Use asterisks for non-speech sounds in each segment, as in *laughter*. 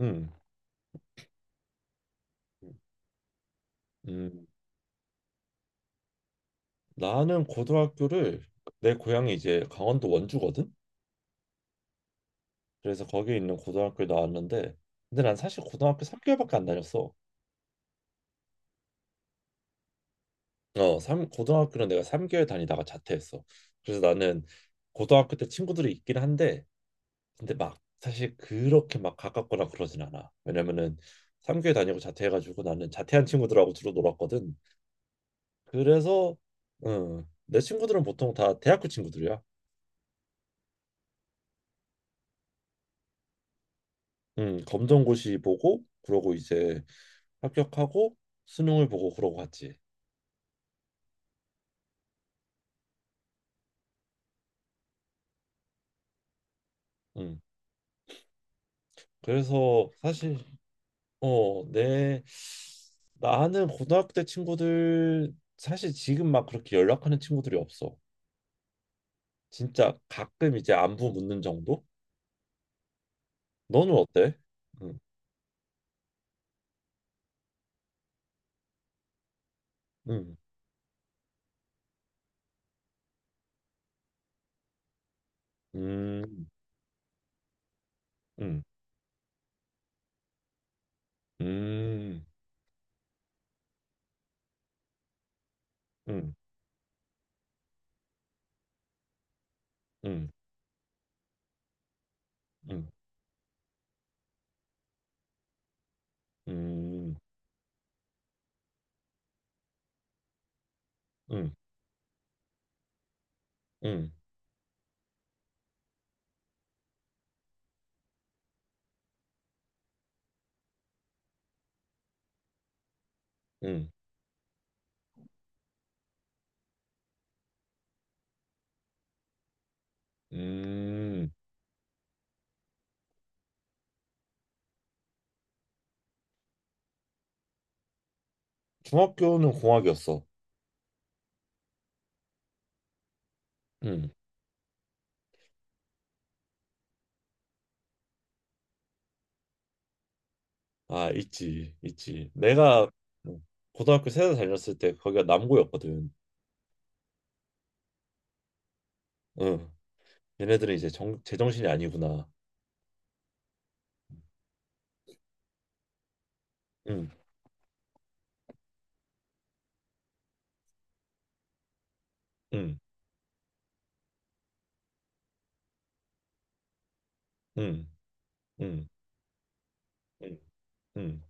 음, 음, 나는 고등학교를 내 고향이 이제 강원도 원주거든. 그래서 거기에 있는 고등학교에 나왔는데, 근데 난 사실 고등학교 3개월밖에 안 다녔어. 어, 삼 고등학교는 내가 3개월 다니다가 자퇴했어. 그래서 나는 고등학교 때 친구들이 있긴 한데, 근데 막 사실 그렇게 막 가깝거나 그러진 않아. 왜냐면은 3개월 다니고 자퇴해가지고 나는 자퇴한 친구들하고 주로 놀았거든. 그래서, 내 친구들은 보통 다 대학교 친구들이야. 검정고시 보고 그러고 이제 합격하고 수능을 보고 그러고 갔지. 음. 그래서 사실 어, 내 나는 고등학교 때 친구들 사실 지금 막 그렇게 연락하는 친구들이 없어. 진짜 가끔 이제 안부 묻는 정도? 너는 어때? 음. 음. 음. 음. 음. 음. 음. 음. 음. 음. 음. 음. 음. 중학교는 공학이었어. 음. 아, 있지, 있지. 내가 뭐 고등학교 세대 다녔을 때 거기가 남고였거든. 응. 얘네들은 이제 제정신이 아니구나. 응, 응, 응, 응, 응, 응,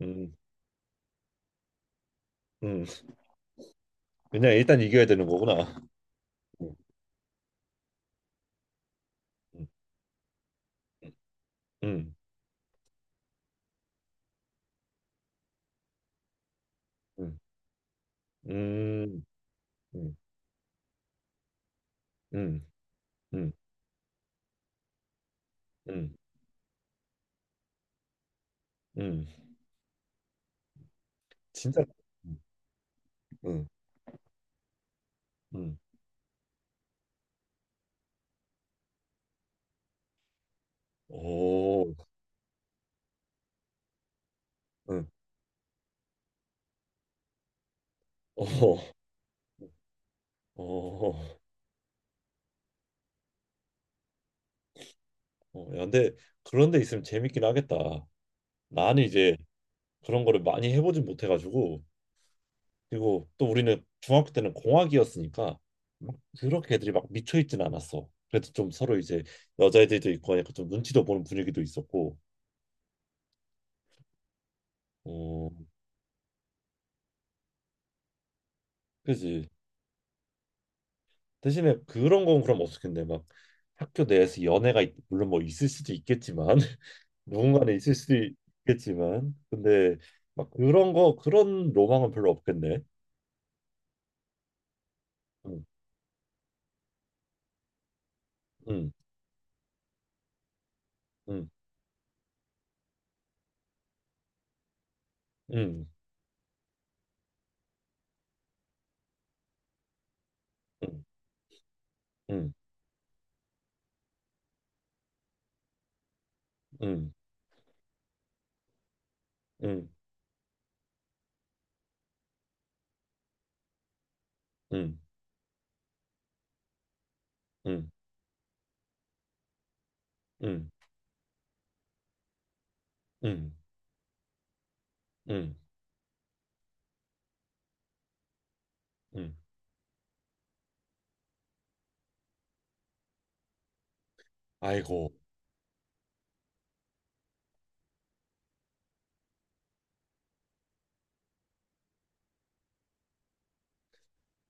응, 응. 그냥 일단 이겨야 되는 거구나. 응, 응, 응, 응, 응, 응, 응, 응, 응, 응. 진짜. 응, 응. 응. 오, 응. 어, 어, 어. 어. 야, 근데 그런 데 있으면 재밌긴 하겠다. 나는 이제 그런 거를 많이 해보진 못해가지고, 그리고 또 우리는 중학교 때는 공학이었으니까 막 그렇게 애들이 막 미쳐 있진 않았어. 그래도 좀 서로 이제 여자애들도 있고 하니까 좀 눈치도 보는 분위기도 있었고, 어, 그지. 대신에 그런 건 그럼 없었겠네. 막 학교 내에서 연애가 물론 뭐 있을 수도 있겠지만 *laughs* 누군가는 있을 수도 있겠지만, 근데 막 그런 거, 그런 로망은 별로 없겠네. 응, 응, 응, 응, 응, 응, 응, 응, 응, 응, 응. 응, 응, 응. 아이고,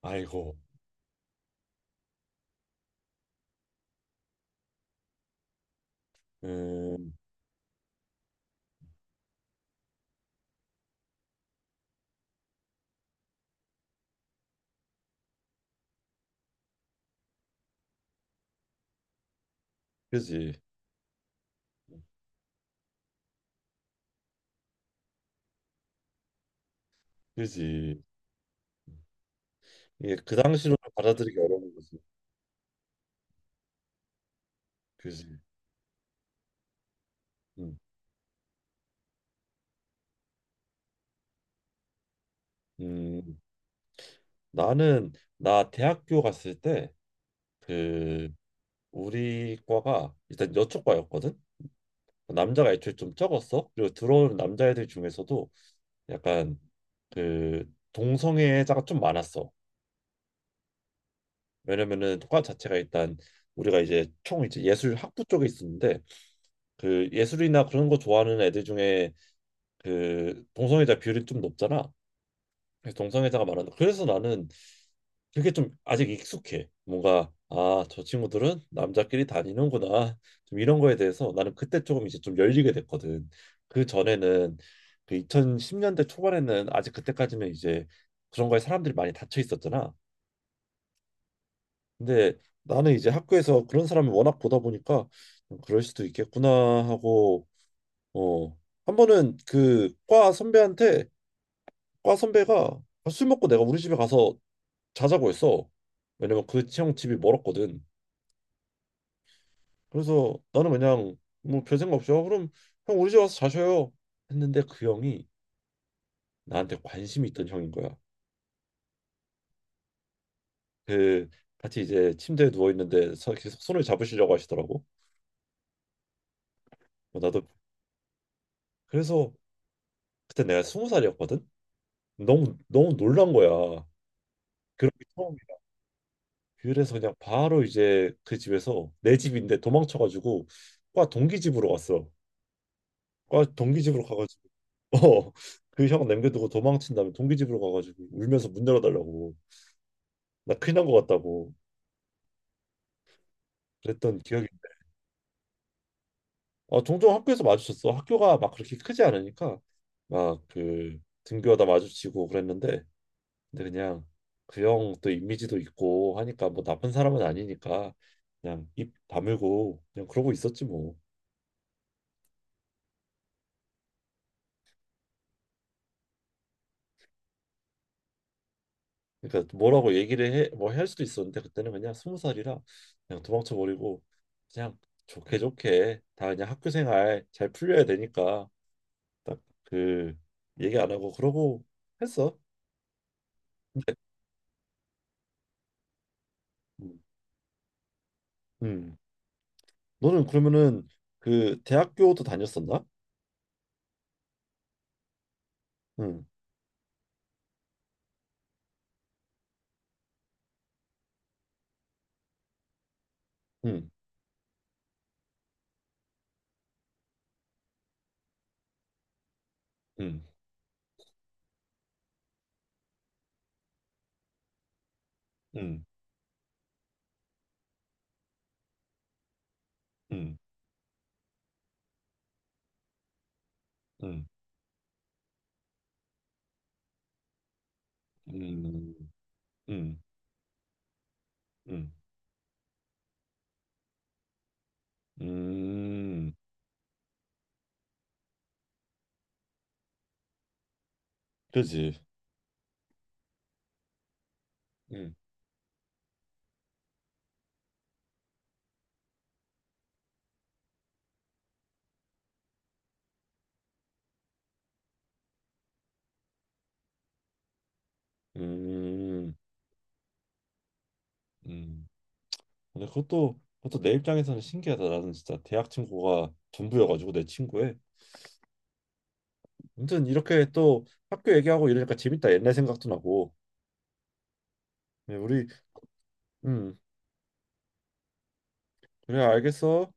아이고. 음, 그지, 그지. 이게 그 당시로는 받아들이기 어려운 거지. 그지. 음. 음. 나는 나 대학교 갔을 때 그 우리 과가 일단 여초과였거든. 남자가 애초에 좀 적었어. 그리고 들어온 남자애들 중에서도 약간 그 동성애자가 좀 많았어. 왜냐면은 과 자체가 일단 우리가 이제 총 이제 예술 학부 쪽에 있었는데, 그 예술이나 그런 거 좋아하는 애들 중에 그 동성애자 비율이 좀 높잖아. 그래서 동성애자가 많아. 그래서 나는 그게 좀 아직 익숙해. 뭔가 아, 저 친구들은 남자끼리 다니는구나. 좀 이런 거에 대해서 나는 그때 조금 이제 좀 열리게 됐거든. 그 전에는 그 2010년대 초반에는 아직 그때까지는 이제 그런 거에 사람들이 많이 닫혀 있었잖아. 근데 나는 이제 학교에서 그런 사람을 워낙 보다 보니까 그럴 수도 있겠구나 하고, 어. 한 번은 그 과 선배한테, 과 선배가 "아, 술 먹고 내가 우리 집에 가서 자자고 했어. 왜냐면 그 형 집이 멀었거든. 그래서 나는 그냥 뭐 별 생각 없이, 그럼 형 우리 집 와서 자셔요, 했는데 그 형이 나한테 관심이 있던 형인 거야. 그 같이 이제 침대에 누워 있는데 계속 손을 잡으시려고 하시더라고. 어, 나도 그래서 그때 내가 스무 살이었거든. 너무 너무 놀란 거야. 그렇게 처음, 그래서 그냥 바로 이제 그 집에서, 내 집인데 도망쳐가지고 과 동기 집으로 갔어. 과 동기 집으로 가가지고 *laughs* 어, 그 형 남겨두고 도망친 다음에 동기 집으로 가가지고 울면서 문 열어달라고, 나 큰일 난 것 같다고 그랬던 기억이. 아, 종종 학교에서 마주쳤어. 학교가 막 그렇게 크지 않으니까 막 그 등교하다 마주치고 그랬는데, 근데 그냥 그 형 또 이미지도 있고 하니까, 뭐 나쁜 사람은 아니니까 그냥 입 다물고 그냥 그러고 있었지 뭐. 그러니까 뭐라고 얘기를 해, 뭐 할 수도 있었는데 그때는 그냥 스무 살이라 그냥 도망쳐 버리고 그냥 좋게 좋게 다 그냥 학교 생활 잘 풀려야 되니까 딱 그 얘기 안 하고 그러고 했어. 음. 음. 너는 그러면은 그 대학교도 다녔었나? 응. 응. 응. 응. 응. 응. 음. 음. 음. 음. 그지. 음. 음. 음. 근데 그것도 내 입장에서는 신기하다. 나는 진짜 대학 친구가 전부여가지고 내 친구에. 아무튼 이렇게 또 학교 얘기하고 이러니까 재밌다. 옛날 생각도 나고. 네, 우리 음 그래, 알겠어.